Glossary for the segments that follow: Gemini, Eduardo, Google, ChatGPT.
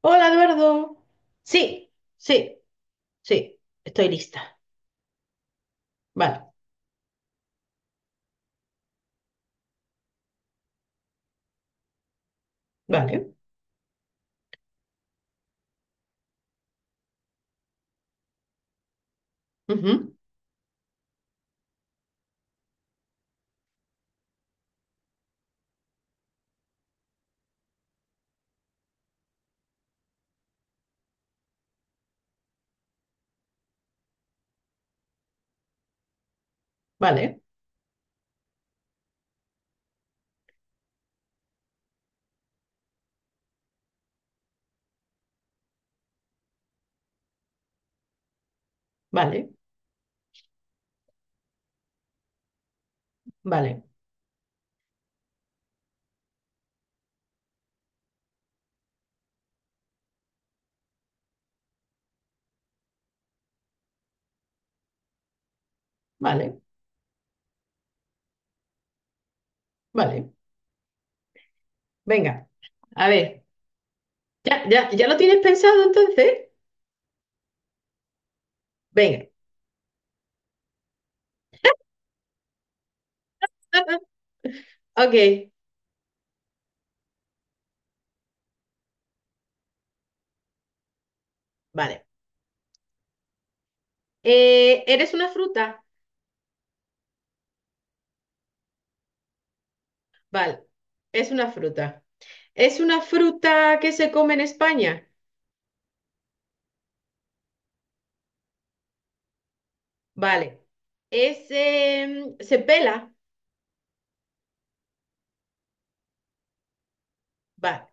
Hola, Eduardo. Sí, sí, sí, estoy lista. Vale, vale, ujú, vale, vale, vale, vale, vale. Venga, a ver, ¿ya lo tienes pensado entonces? Venga. Ok, vale. ¿eres una fruta? Vale, es una fruta. ¿Es una fruta que se come en España? Vale. ¿Es, se pela? Vale.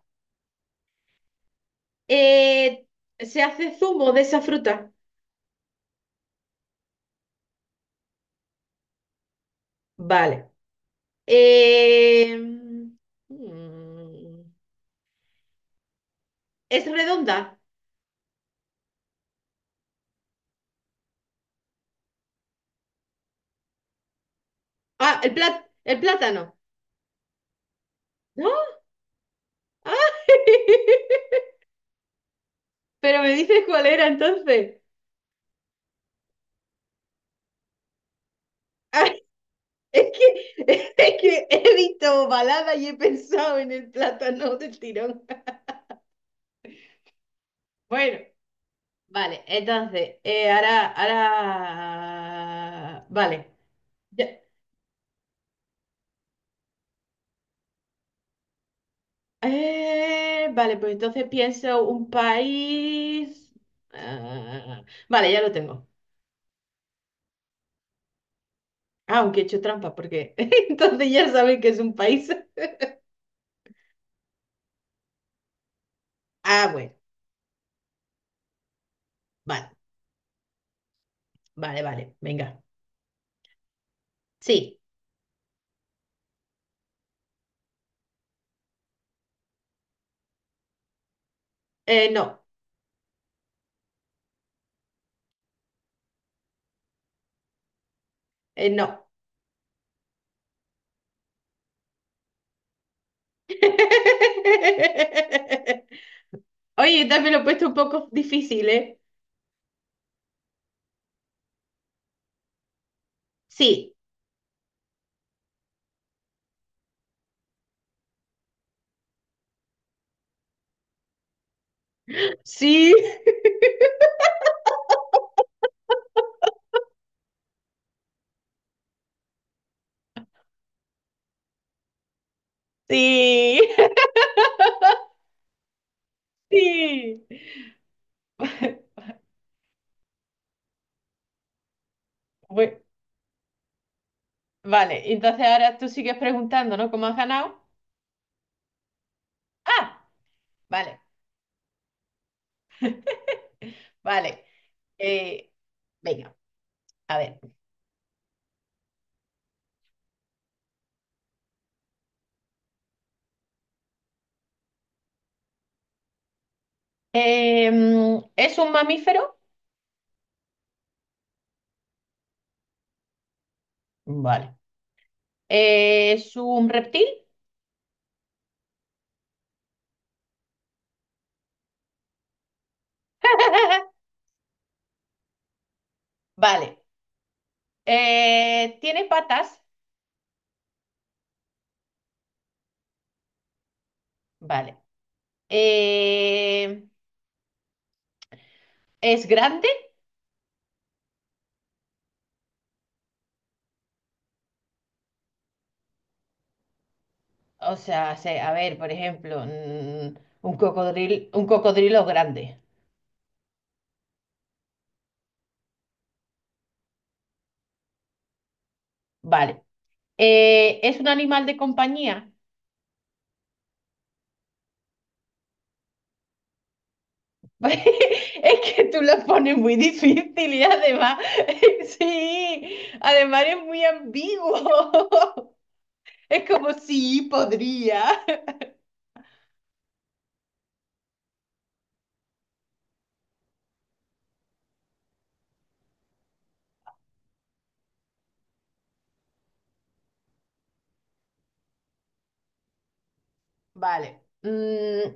Eh, ¿se hace zumo de esa fruta? Vale. Eh, mm, es redonda. Ah, el plátano. ¿No? Ah, pero me dices cuál era entonces. Ah, es que, es que he visto balada y he pensado en el plátano del tirón. Bueno, vale, entonces, ahora, vale. Ya- vale, pues entonces pienso un país. Ah, vale, ya lo tengo. Ah, aunque he hecho trampa, porque entonces ya saben que es un país. Ah, bueno, vale, vale, vale, venga. Sí, no, no. Oye, también lo he puesto un poco difícil, ¿eh? Sí, sí, sí, sí. Bueno, vale, entonces ahora tú sigues preguntando, ¿no? ¿Cómo has ganado? Ah, vale, vale. Eh, venga, a ver. ¿es un mamífero? Vale. ¿Es un reptil? Vale. ¿Tiene patas? Vale. Eh, ¿Es grande? O sea, a ver, por ejemplo, un cocodrilo grande. Vale. ¿Es un animal de compañía? Es que tú lo pones muy difícil y además, sí, además es muy ambiguo. Es como, sí, podría. Vale.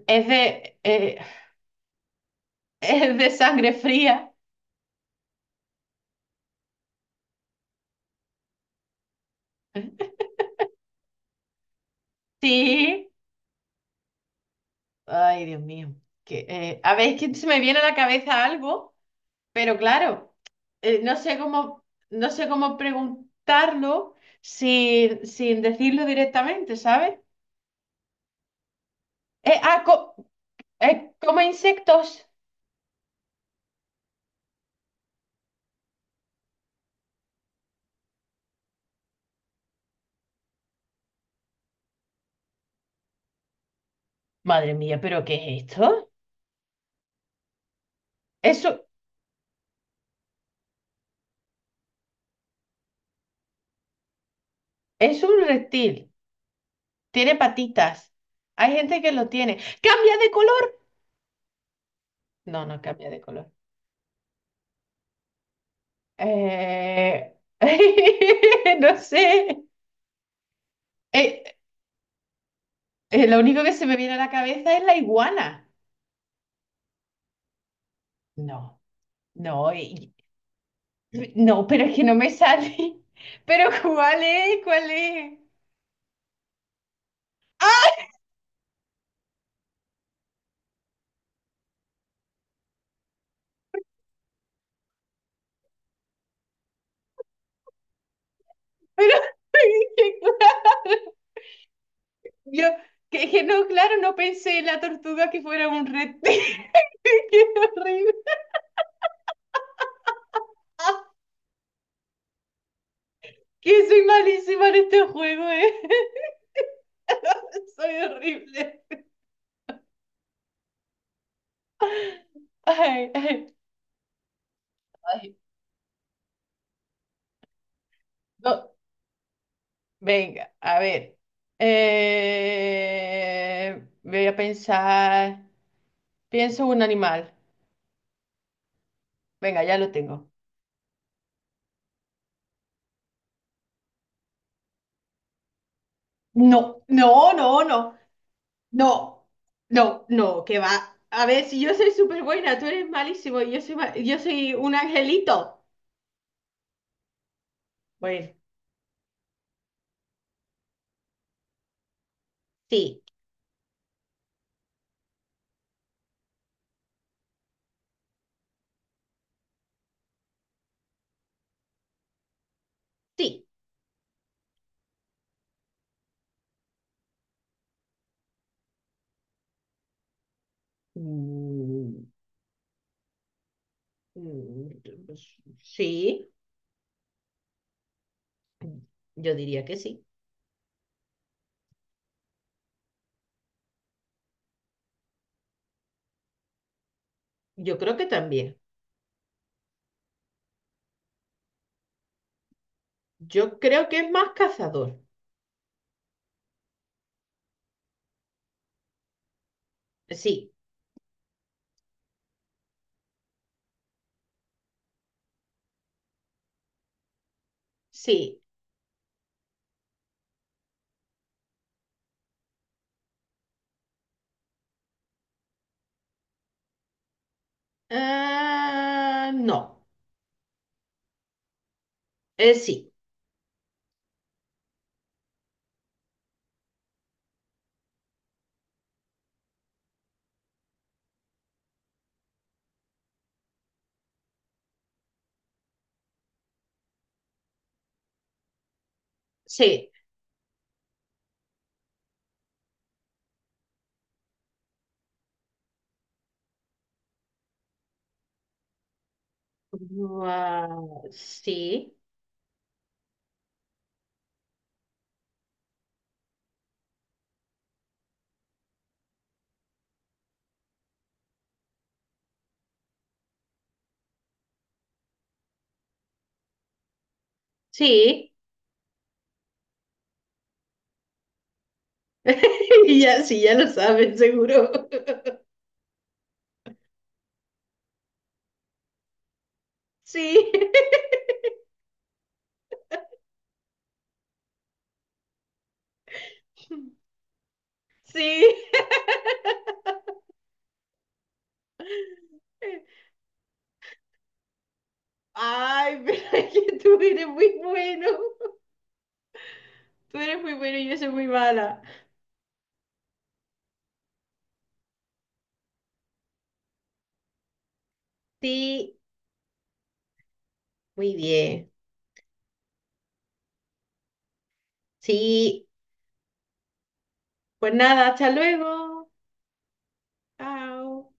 Es de, es de sangre fría. Sí. Ay, Dios mío. Que, a ver, es que se me viene a la cabeza algo, pero claro, no sé cómo, no sé cómo preguntarlo sin decirlo directamente, ¿sabes? Eh, ah, co- come insectos. Madre mía, ¿pero qué es esto? Eso es un reptil. Tiene patitas. Hay gente que lo tiene. ¡Cambia de color! No, no cambia de color. Eh, no sé. Eh, lo único que se me viene a la cabeza es la iguana. No, no, y- no, pero es que no me sale. Pero ¿cuál es? ¿Cuál es? ¡Ah! Pero que claro, yo que no, claro, no pensé en la tortuga que fuera un reptil. Qué horrible. Que soy malísima en este juego, ¿eh? Soy horrible. Ay, ay, ay. No. Venga, a ver. Voy a pensar. Pienso un animal. Venga, ya lo tengo. No, no, no, no, no, no, no, que va. A ver, si yo soy súper buena, tú eres malísimo y yo soy, yo soy un angelito. Bueno. Sí, sí. Mm, mm, pues, sí, yo diría que sí. Yo creo que también. Yo creo que es más cazador. Sí, sí. Ah, no, eh, sí, sí, ah, sí, sí, ya, sí, ya lo saben, seguro. Sí, sí. Ay, pero es que tú eres muy bueno. Tú eres muy bueno y yo soy muy mala. Sí, muy bien. Sí, pues nada, hasta luego. Chao.